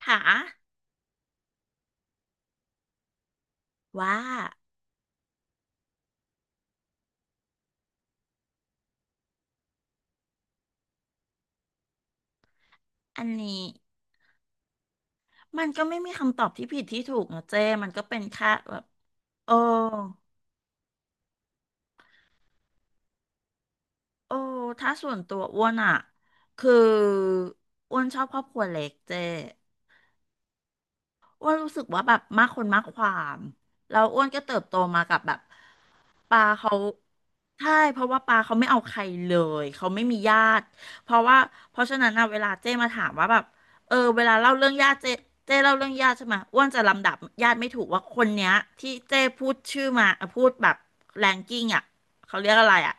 ถาว่าอันนี้มันก็ไม่มีคำตอบที่ผิดที่ถูกนะเจ้มันก็เป็นแค่แบบโอ้โอ้ถ้าส่วนตัวอ้วนอ่ะคืออ้วนชอบครอบครัวเล็กเจ้ อ้วนรู้สึกว่าแบบมากคนมากความแล้วอ้วนก็เติบโตมากับแบบปาเขาใช่เพราะว่าปาเขาไม่เอาใครเลยเขาไม่มีญาติเพราะว่าเพราะฉะนั้นนะเวลาเจ้มาถามว่าแบบเวลาเล่าเรื่องญาติเจ้เล่าเรื่องญาติใช่ไหมอ้วนจะลำดับญาติไม่ถูกว่าคนเนี้ยที่เจ้พูดชื่อมาพูดแบบแรงกิ้งอ่ะเขาเรียกอะไรอ่ะ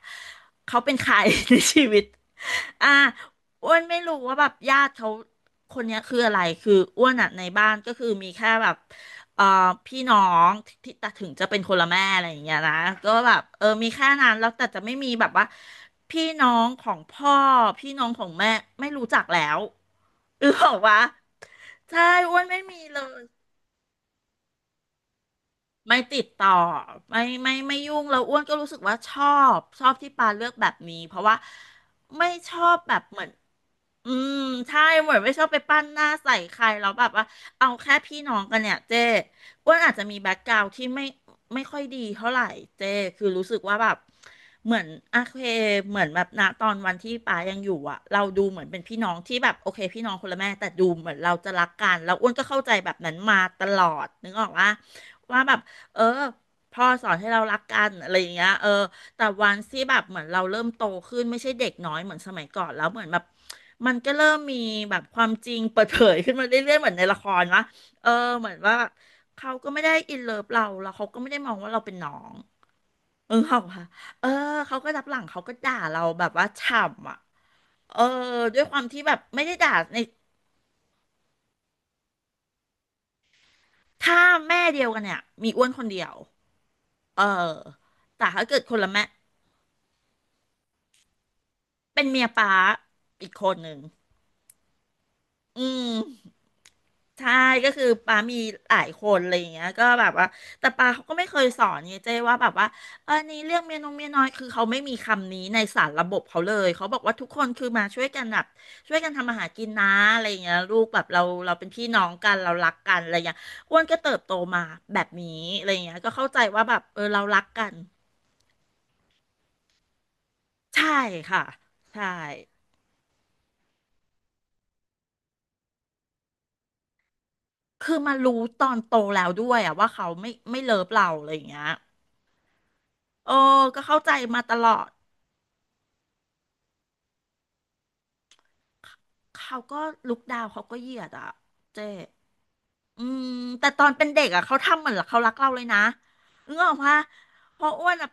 เขาเป็นใคร ในชีวิต อ่าอ้วนไม่รู้ว่าแบบญาติเขาคนเนี้ยคืออะไร คืออ้วนอ่ะในบ้านก็คือมีแค่แบบเอ่อพี่น้องที่แต่ถึงจะเป็นคนละแม่อะไรอย่างเงี้ยนะก็แบบเออมีแค่นั้นแล้วแต่จะไม่มีแบบว่าพี่น้องของพ่อพี่น้องของแม่ไม่รู้จักแล้วอือบอกว่าใช่อ้วนไม่มีเลย ไม่ติดต่อไม่ยุ่งแล้วอ้วนก็รู้สึกว่าชอบที่ปาเลือกแบบนี้เพราะว่าไม่ชอบแบบเหมือนอืมใช่เหมือนไม่ชอบไปปั้นหน้าใส่ใครแล้วแบบว่าเอาแค่พี่น้องกันเนี่ยเจ้อ้วนอาจจะมีแบ็คกราวด์ที่ไม่ค่อยดีเท่าไหร่เจ้คือรู้สึกว่าแบบเหมือนโอเคเหมือนแบบณตอนวันที่ป้ายังอยู่อะเราดูเหมือนเป็นพี่น้องที่แบบโอเคพี่น้องคนละแม่แต่ดูเหมือนเราจะรักกันแล้วอ้วนก็เข้าใจแบบนั้นมาตลอดนึกออกว่าว่าแบบ เออพ่อสอนให้เรารักกันอะไรอย่างเงี้ยแต่วันที่แบบเหมือนเราเริ่มโตขึ้นไม่ใช่เด็กน้อยเหมือนสมัยก่อนแล้วเหมือนแบบมันก็เริ่มมีแบบความจริงเปิดเผยขึ้นมาเรื่อยๆเหมือนในละครนะเออเหมือนว่าเขาก็ไม่ได้อินเลิฟเราแล้วเขาก็ไม่ได้มองว่าเราเป็นน้องเขาค่ะเออเขาก็รับหลังเขาก็ด่าเราแบบว่าฉ่ำอ่ะเออด้วยความที่แบบไม่ได้ด่าในถ้าแม่เดียวกันเนี่ยมีอ้วนคนเดียวเออแต่ถ้าเกิดคนละแม่ เป็นเมียป้าอีกคนหนึ่งอืมใช่ก็คือป้ามีหลายคนอะไรอย่างเงี้ยก็แบบว่าแต่ป้าเขาก็ไม่เคยสอนไงเจ้ว่าแบบว่านี่เรื่องเมียน้องเมียน้อยคือเขาไม่มีคำนี้ในสารระบบเขาเลยเขาบอกว่าทุกคนคือมาช่วยกันแบบช่วยกันทำมาหากินนะอะไรอย่างเงี้ยลูกแบบเราเป็นพี่น้องกันเรารักกันอะไรอย่างเงี้ยอ้วนก็เติบโตมาแบบนี้อะไรอย่างเงี้ยก็เข้าใจว่าแบบเรารักกันใช่ค่ะใช่ คือมารู้ตอนโตแล้วด้วยอะว่าเขาไม่เลิฟเราอะไรอย่างเงี้ยเออก็เข้าใจมาตลอดเขาก็ลุกดาวเขาก็เหยียดอะเจ๊อืมแต่ตอนเป็นเด็กอะเขาทำเหมือนเขารักเราเลยนะเงออกปะเพราะอ้วนอะ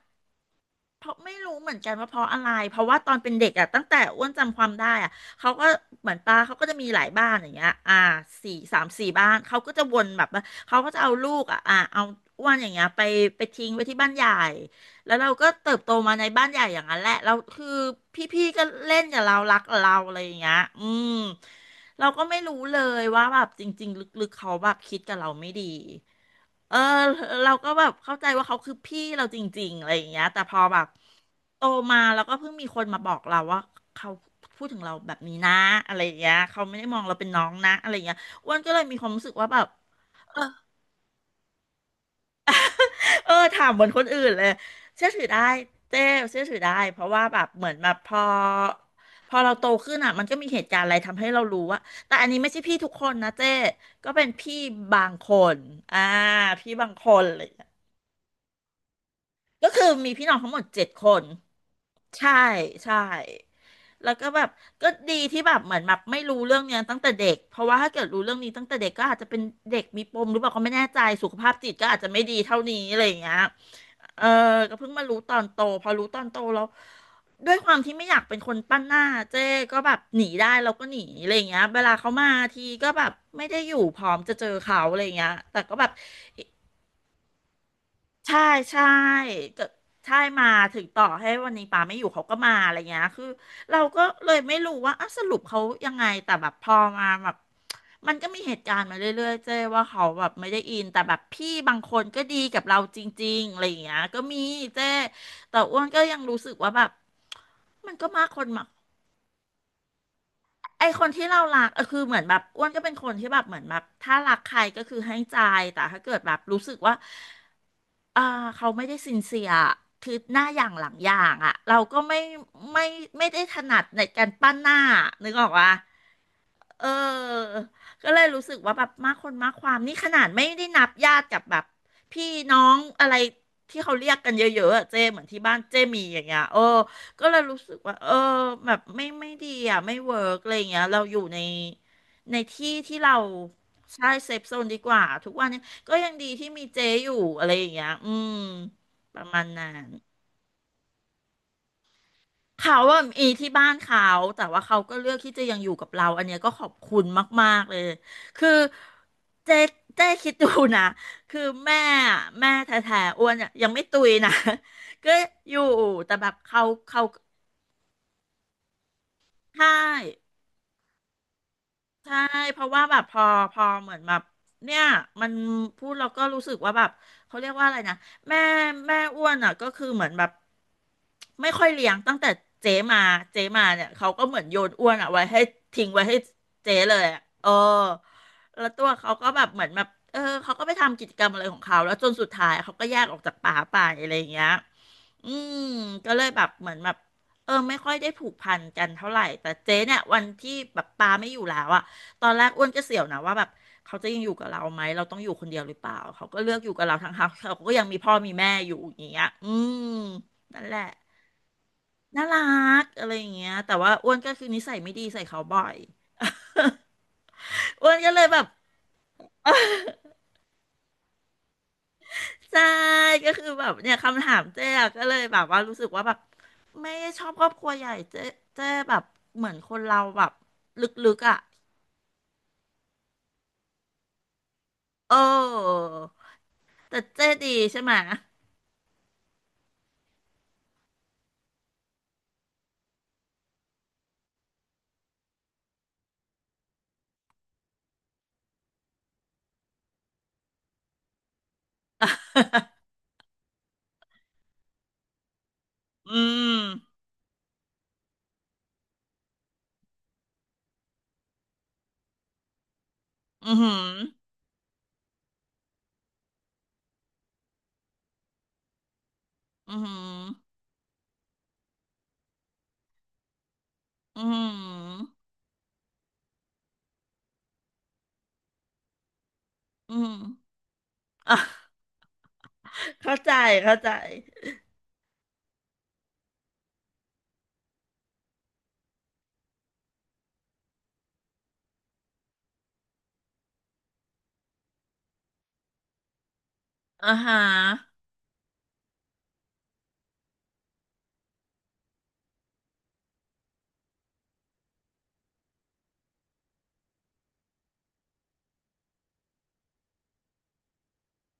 เพราะไม่รู้เหมือนกันว่าเพราะอะไรเพราะว่าตอนเป็นเด็กอะตั้งแต่อ้วนจำความได้อะเขาก็เหมือนป้าเขาก็จะมีหลายบ้านอย่างเงี้ยสี่สามสี่บ้านเขาก็จะวนแบบว่าเขาก็จะเอาลูกอะเอาอ้วนอย่างเงี้ยไปทิ้งไว้ที่บ้านใหญ่ แล้วเราก็เติบโตมาในบ้านใหญ่อย่างนั้นแหละเราคือพี่ๆก็เล่นกับเรารักกับเราอะไรอย่างเงี้ยอืมเราก็ไม่รู้เลยว่าแบบจริงๆลึกๆเขาแบบคิดกับเราไม่ดีเออเราก็แบบเข้าใจว่าเขาคือพี่เราจริงๆอะไรอย่างเงี้ยแต่พอแบบโตมาแล้วก็เพิ่งมีคนมาบอกเราว่าเขาพูดถึงเราแบบนี้นะอะไรอย่างเงี้ยเขาไม่ได้มองเราเป็นน้องนะอะไรอย่างเงี้ยอ้วนก็เลยมีความรู้สึกว่าแบบ เออถามเหมือนคนอื่นเลยเชื่อถือได้เจ้เชื่อถือได้เพราะว่าแบบเหมือนแบบพอเราโตขึ้นอ่ะมันก็มีเหตุการณ์อะไรทำให้เรารู้ว่าแต่อันนี้ไม่ใช่พี่ทุกคนนะเจ้ก็เป็นพี่บางคนอ่าพี่บางคนอะไรอย่างเลยก็คือมีพี่น้องทั้งหมดเจ็ดคนใช่ใช่แล้วก็แบบก็ดีที่แบบเหมือนแบบไม่รู้เรื่องเนี้ยตั้งแต่เด็กเพราะว่าถ้าเกิดรู้เรื่องนี้ตั้งแต่เด็กก็อาจจะเป็นเด็กมีปมหรือเปล่าก็ไม่แน่ใจสุขภาพจิตก็อาจจะไม่ดีเท่านี้อะไรอย่างเงี้ย เออก็เพิ่งมารู้ตอนโตพอรู้ตอนโตแล้วด้วยความที่ไม่อยากเป็นคนปั้นหน้าเจ๊ก็แบบหนีได้เราก็หนีอะไรอย่างเงี้ยเวลาเขามาทีก็แบบไม่ได้อยู่พร้อมจะเจอเขาอะไรอย่างเงี้ยแต่ก็แบบ ใช่ใช่ก็ใช่มาถึงต่อให้วันนี้ป่าไม่อยู่เขาก็มาอะไรเงี้ยคือเราก็เลยไม่รู้ว่าอ่ะสรุปเขายังไงแต่แบบพอมาแบบมันก็มีเหตุการณ์มาเรื่อยๆเจ้ว่าเขาแบบไม่ได้อินแต่แบบพี่บางคนก็ดีกับเราจริงๆอะไรเงี้ยก็มีเจ้แต่อ้วนก็ยังรู้สึกว่าแบบมันก็มากคน ไอคนที่เรารักเออคือเหมือนแบบอ้วนก็เป็นคนที่แบบเหมือนแบบถ้ารักใครก็คือให้ใจแต่ถ้าเกิดแบบรู้สึกว่าอ่าเขาไม่ได้ซินเซียคือหน้าอย่างหลังอย่างอ่ะเราก็ไม่ไม่ไม่ได้ถนัดในการปั้นหน้านึกออกปะ เออก็เลยรู้สึกว่าแบบมากคนมากความนี่ขนาดไม่ได้นับญาติกับแบบพี่น้องอะไรที่เขาเรียกกันเยอะๆอะเจ้เหมือนที่บ้านเจ้มีอย่างเงี้ยเออก็เลยรู้สึกว่าเออแบบไม่ดีอ่ะไม่เวิร์กอะไรอย่างเงี้ยเราอยู่ในในที่ที่เราใช่เซฟโซนดีกว่าทุกวันนี้ก็ยังดีที่มีเจอยู่อะไรอย่างเงี้ยอืมประมาณนั้น เขาว่ามีที่บ้านเขาแต่ว่าเขาก็เลือกที่จะยังอยู่กับเราอันเนี้ยก็ขอบคุณมากๆเลยคือเจ๊เจ๊คิดดูนะคือแม่อะแม่แท้ๆอ้วนอะยังไม่ตุยนะ ก็อยู่แต่แบบเขาเขาใช่ ใช่เพราะว่าแบบพอเหมือนแบบเนี่ยมันพูดเราก็รู้สึกว่าแบบเขาเรียกว่าอะไรนะแม่แม่อ้วนอ่ะก็คือเหมือนแบบไม่ค่อยเลี้ยงตั้งแต่เจ๊มาเจ๊มาเนี่ยเขาก็เหมือนโยนอ้วนอ่ะไว้ให้ทิ้งไว้ให้เจ๊เลยอะเออแล้วตัวเขาก็แบบเหมือนแบบเออเขาก็ไปทำกิจกรรมอะไรของเขาแล้วจนสุดท้ายเขาก็แยกออกจากป่าไปอะไรอย่างเงี้ยอืมก็เลยแบบเหมือนแบบเออไม่ค่อยได้ผูกพันกันเท่าไหร่แต่เจ๊เนี่ยวันที่แบบปาไม่อยู่แล้วอ่ะ ตอนแรกอ้วนก็เสียวนะว่าแบบเขาจะยังอยู่กับเราไหมเราต้องอยู่คนเดียวหรือเปล่าเขาก็เลือกอยู่กับเราทั้งเขาเขาก็ยังมีพ่อมีแม่อยู่อย่างเงี้ยอืมนั่นแหละน่ารักอะไรอย่างเงี้ยแต่ว่าอ้วนก็คือนิสัยไม่ดีใส่เขาบ่อย อ้วนก็เลยแบบใช่ก็คือแบบเนี่ยคำถามเจ๊อะก็เลยแบบว่ารู้สึกว่าแบบไม่ชอบครอบครัวใหญ่เจ๊เจ๊แบบเหมือนคนเราแบบลึกๆอ่ะเออแต่เจ๊ดีใช่ไหมอืมอือหือ อือหืออือหืออือหืออ่ะเข้าใจเข้าใจอ่าฮะ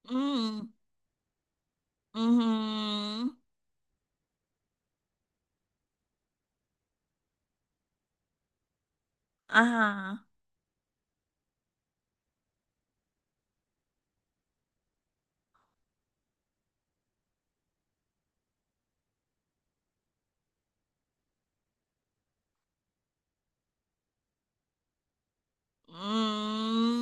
อืมอือหืออ่าฮะอืม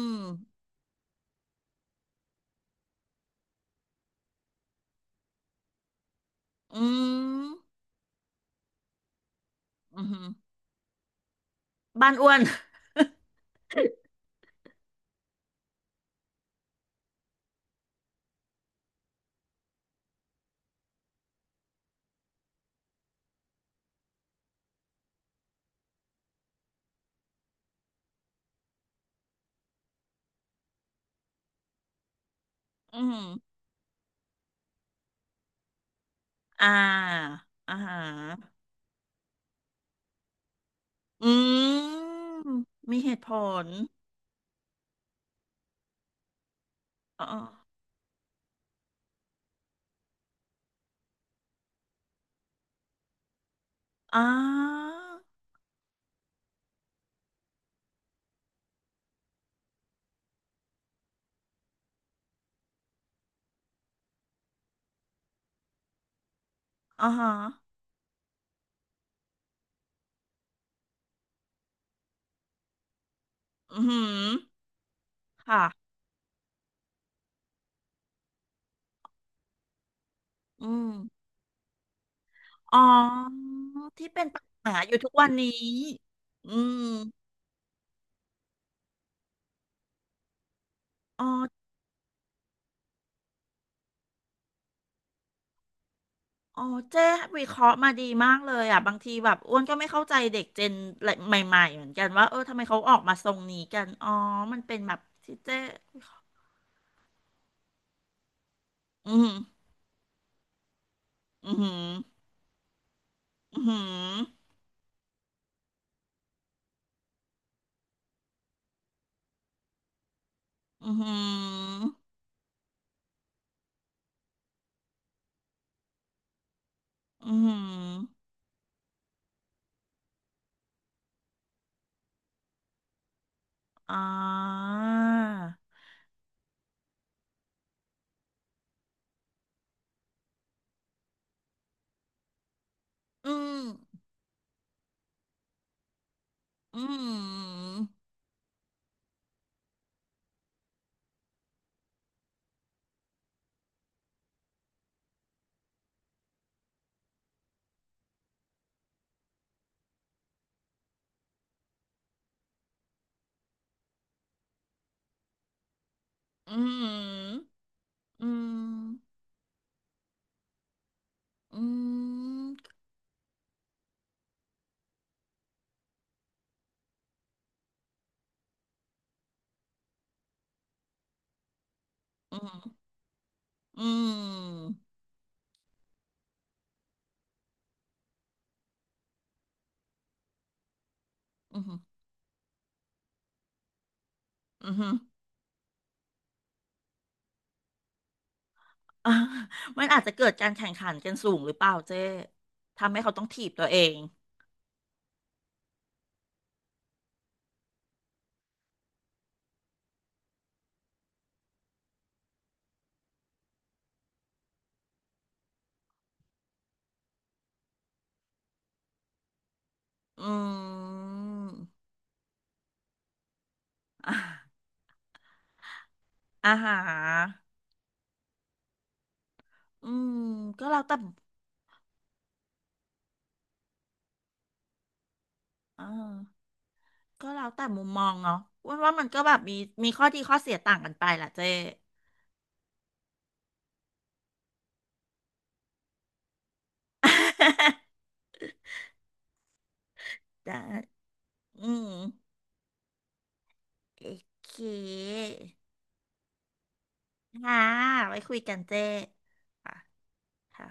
อืม อือหือบ้านอ้วน อือหืออ่าอ่าฮะอืมมีเหตุผลอ๋ออ่าอ่าฮะอือหือค่ะอืมอ๋อที่เป็นปัญหาอยู่ทุกวันนี้ อืม อ๋ออ๋อเจ๊วิเคราะห์มาดีมากเลยอ่ะบางทีแบบอ้วนก็ไม่เข้าใจเด็กเจนใหม่ๆเหมือนกันว่าเออทำไมเขาออกมาทรงนี้กันอ๋อมันเป็นแบบที่เจ๊วิเคราะห์อืมอหืมออืมออืมออือหืออ่าอืมอืมอืมอืมอืมอืมอืมอืมอืม อ่ะ มันอาจจะเกิดการแข่งขันกันสูงหรือเปล่าเจ๊ทำให้เขาต้องถีบตัวเอง อืม อ่ะอาหารอืม ก็แล้วแต่อ่าก็แล้วแต่มุมมองเนาะว่าว่ามันก็แบบมีมีข้อดีข้อเสียต่างกันไปแหละเจ๊ ได้อืมโอเคค่ะไว้คุยกันเจ๊ค่ะค่ะ